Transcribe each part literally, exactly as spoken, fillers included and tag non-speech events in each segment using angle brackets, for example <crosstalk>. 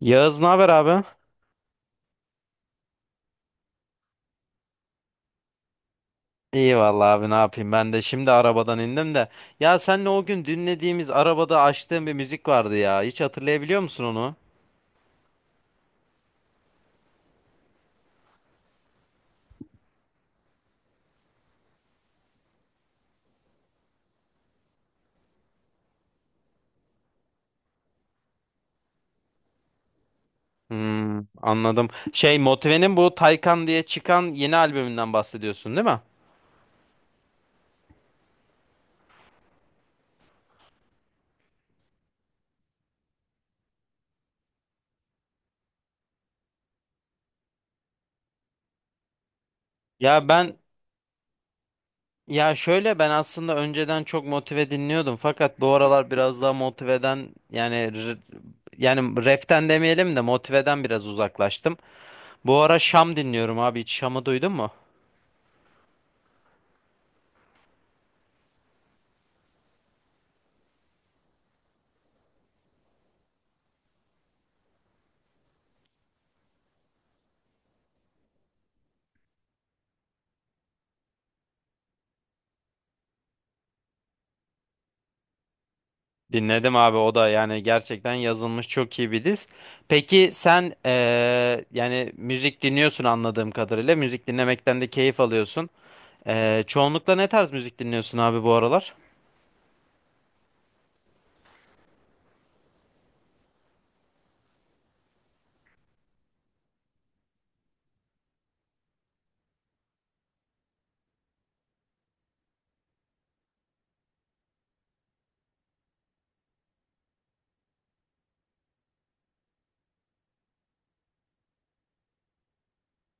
Yağız ne haber abi? İyi vallahi abi ne yapayım ben de şimdi arabadan indim de. Ya senle o gün dinlediğimiz arabada açtığım bir müzik vardı ya. Hiç hatırlayabiliyor musun onu? Hmm, anladım. Şey Motive'nin bu Taycan diye çıkan yeni albümünden bahsediyorsun değil mi? Ya ben ya şöyle ben aslında önceden çok Motive dinliyordum fakat bu aralar biraz daha Motive'den yani r- yani rapten demeyelim de Motive'den biraz uzaklaştım. Bu ara Şam dinliyorum abi, hiç Şam'ı duydun mu? Dinledim abi, o da yani gerçekten yazılmış çok iyi bir diz. Peki sen, eee, yani müzik dinliyorsun anladığım kadarıyla. Müzik dinlemekten de keyif alıyorsun. Eee, çoğunlukla ne tarz müzik dinliyorsun abi bu aralar?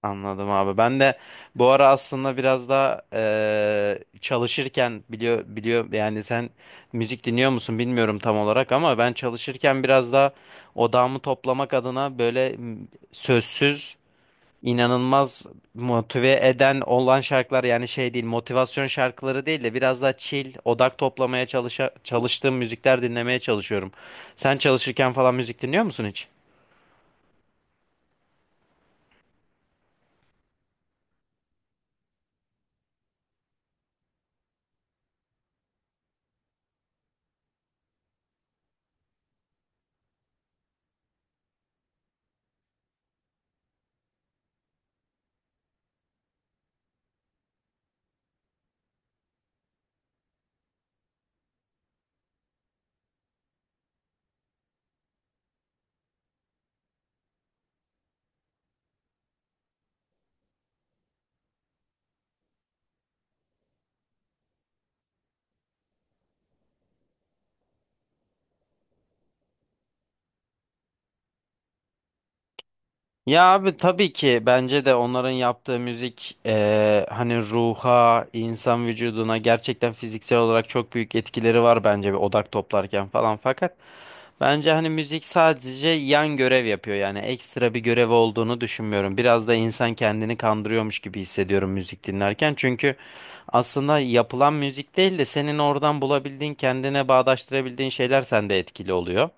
Anladım abi. Ben de bu ara aslında biraz daha eee, çalışırken biliyor biliyor yani sen müzik dinliyor musun bilmiyorum tam olarak, ama ben çalışırken biraz daha odağımı toplamak adına böyle m, sözsüz, inanılmaz motive eden olan şarkılar, yani şey değil motivasyon şarkıları değil de biraz daha chill odak toplamaya çalışa, çalıştığım müzikler dinlemeye çalışıyorum. Sen çalışırken falan müzik dinliyor musun hiç? Ya abi tabii ki, bence de onların yaptığı müzik, eee, hani ruha, insan vücuduna gerçekten fiziksel olarak çok büyük etkileri var bence, bir odak toplarken falan. Fakat bence hani müzik sadece yan görev yapıyor, yani ekstra bir görev olduğunu düşünmüyorum. Biraz da insan kendini kandırıyormuş gibi hissediyorum müzik dinlerken. Çünkü aslında yapılan müzik değil de senin oradan bulabildiğin, kendine bağdaştırabildiğin şeyler sende etkili oluyor.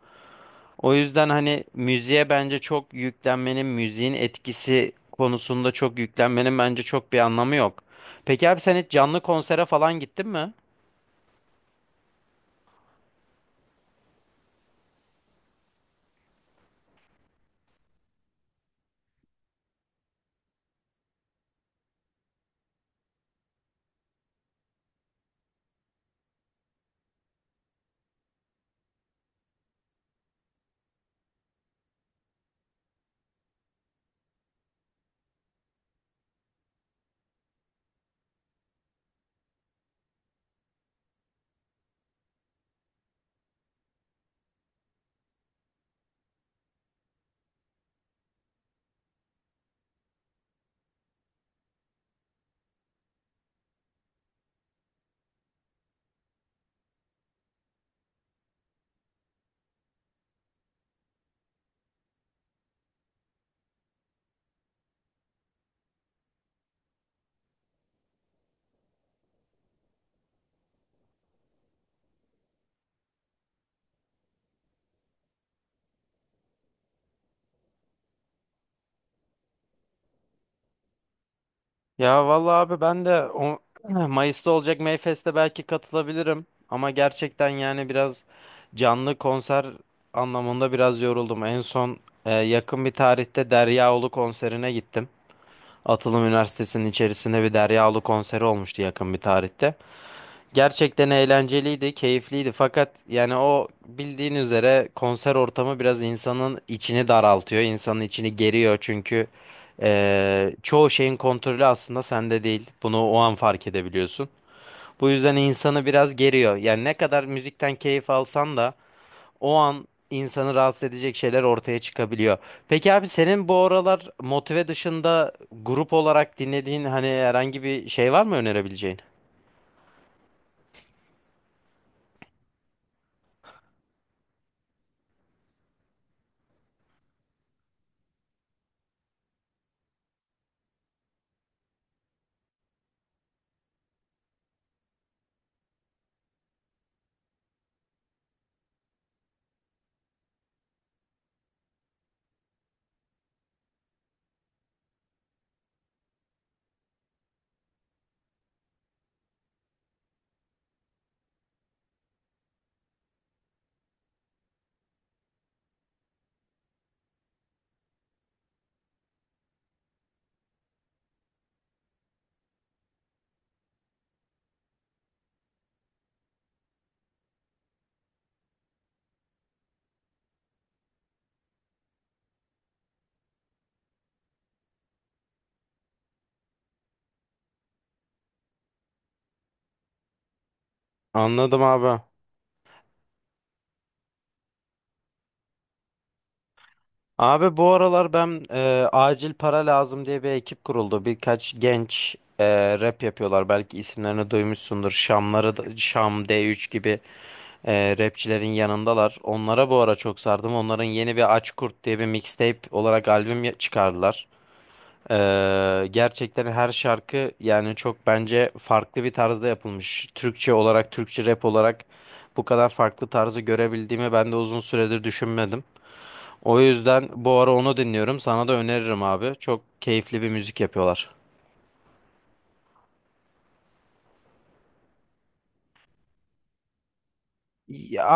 O yüzden hani müziğe bence çok yüklenmenin, müziğin etkisi konusunda çok yüklenmenin bence çok bir anlamı yok. Peki abi, sen hiç canlı konsere falan gittin mi? Ya vallahi abi, ben de o, <clears throat> Mayıs'ta olacak Mayfest'e belki katılabilirim. Ama gerçekten yani biraz canlı konser anlamında biraz yoruldum. En son, e, yakın bir tarihte Deryaolu konserine gittim. Atılım Üniversitesi'nin içerisinde bir Deryaolu konseri olmuştu yakın bir tarihte. Gerçekten eğlenceliydi, keyifliydi, fakat yani o bildiğin üzere konser ortamı biraz insanın içini daraltıyor, insanın içini geriyor, çünkü eee, çoğu şeyin kontrolü aslında sende değil. Bunu o an fark edebiliyorsun. Bu yüzden insanı biraz geriyor. Yani ne kadar müzikten keyif alsan da o an insanı rahatsız edecek şeyler ortaya çıkabiliyor. Peki abi, senin bu aralar motive dışında grup olarak dinlediğin, hani herhangi bir şey var mı önerebileceğin? Anladım abi. Abi bu aralar ben, e, acil para lazım diye bir ekip kuruldu. Birkaç genç e, rap yapıyorlar. Belki isimlerini duymuşsundur. Şamları, da- Şam D üç gibi e, rapçilerin yanındalar. Onlara bu ara çok sardım. Onların yeni bir Aç Kurt diye bir mixtape olarak albüm ya- çıkardılar. E, gerçekten her şarkı yani çok bence farklı bir tarzda yapılmış. Türkçe olarak, Türkçe rap olarak bu kadar farklı tarzı görebildiğimi ben de uzun süredir düşünmedim. O yüzden bu ara onu dinliyorum. Sana da öneririm abi. Çok keyifli bir müzik yapıyorlar.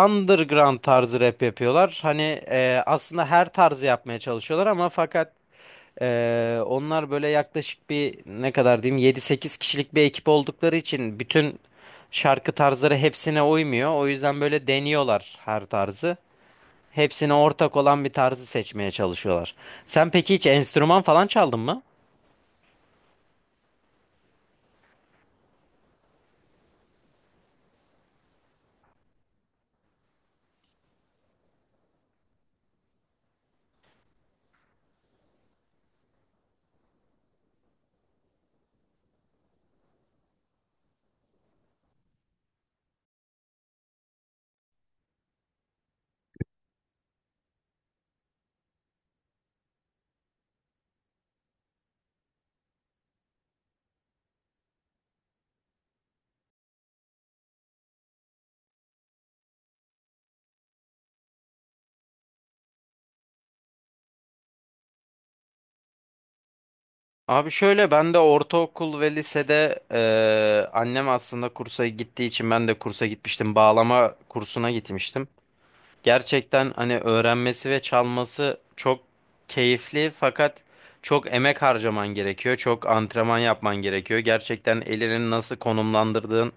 Underground tarzı rap yapıyorlar. Hani e, aslında her tarzı yapmaya çalışıyorlar ama fakat e, onlar böyle yaklaşık bir ne kadar diyeyim, yedi sekiz kişilik bir ekip oldukları için bütün şarkı tarzları hepsine uymuyor. O yüzden böyle deniyorlar her tarzı. Hepsine ortak olan bir tarzı seçmeye çalışıyorlar. Sen peki hiç enstrüman falan çaldın mı? Abi şöyle, ben de ortaokul ve lisede, eee, annem aslında kursa gittiği için ben de kursa gitmiştim. Bağlama kursuna gitmiştim. Gerçekten hani öğrenmesi ve çalması çok keyifli, fakat çok emek harcaman gerekiyor. Çok antrenman yapman gerekiyor. Gerçekten elini nasıl konumlandırdığın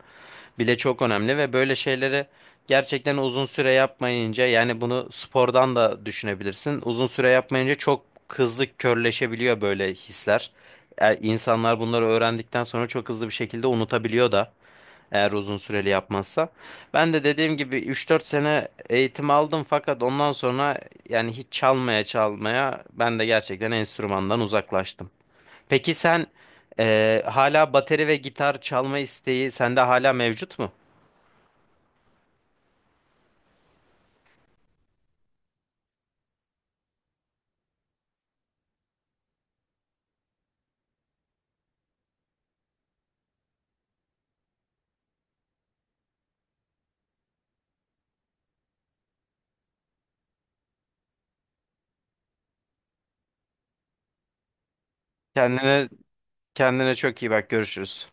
bile çok önemli ve böyle şeyleri gerçekten uzun süre yapmayınca, yani bunu spordan da düşünebilirsin, uzun süre yapmayınca çok hızlı körleşebiliyor böyle hisler. E, İnsanlar bunları öğrendikten sonra çok hızlı bir şekilde unutabiliyor da, eğer uzun süreli yapmazsa. Ben de dediğim gibi üç dört sene eğitim aldım fakat ondan sonra yani hiç çalmaya çalmaya ben de gerçekten enstrümandan uzaklaştım. Peki sen e, hala bateri ve gitar çalma isteği sende hala mevcut mu? Kendine kendine çok iyi bak, görüşürüz.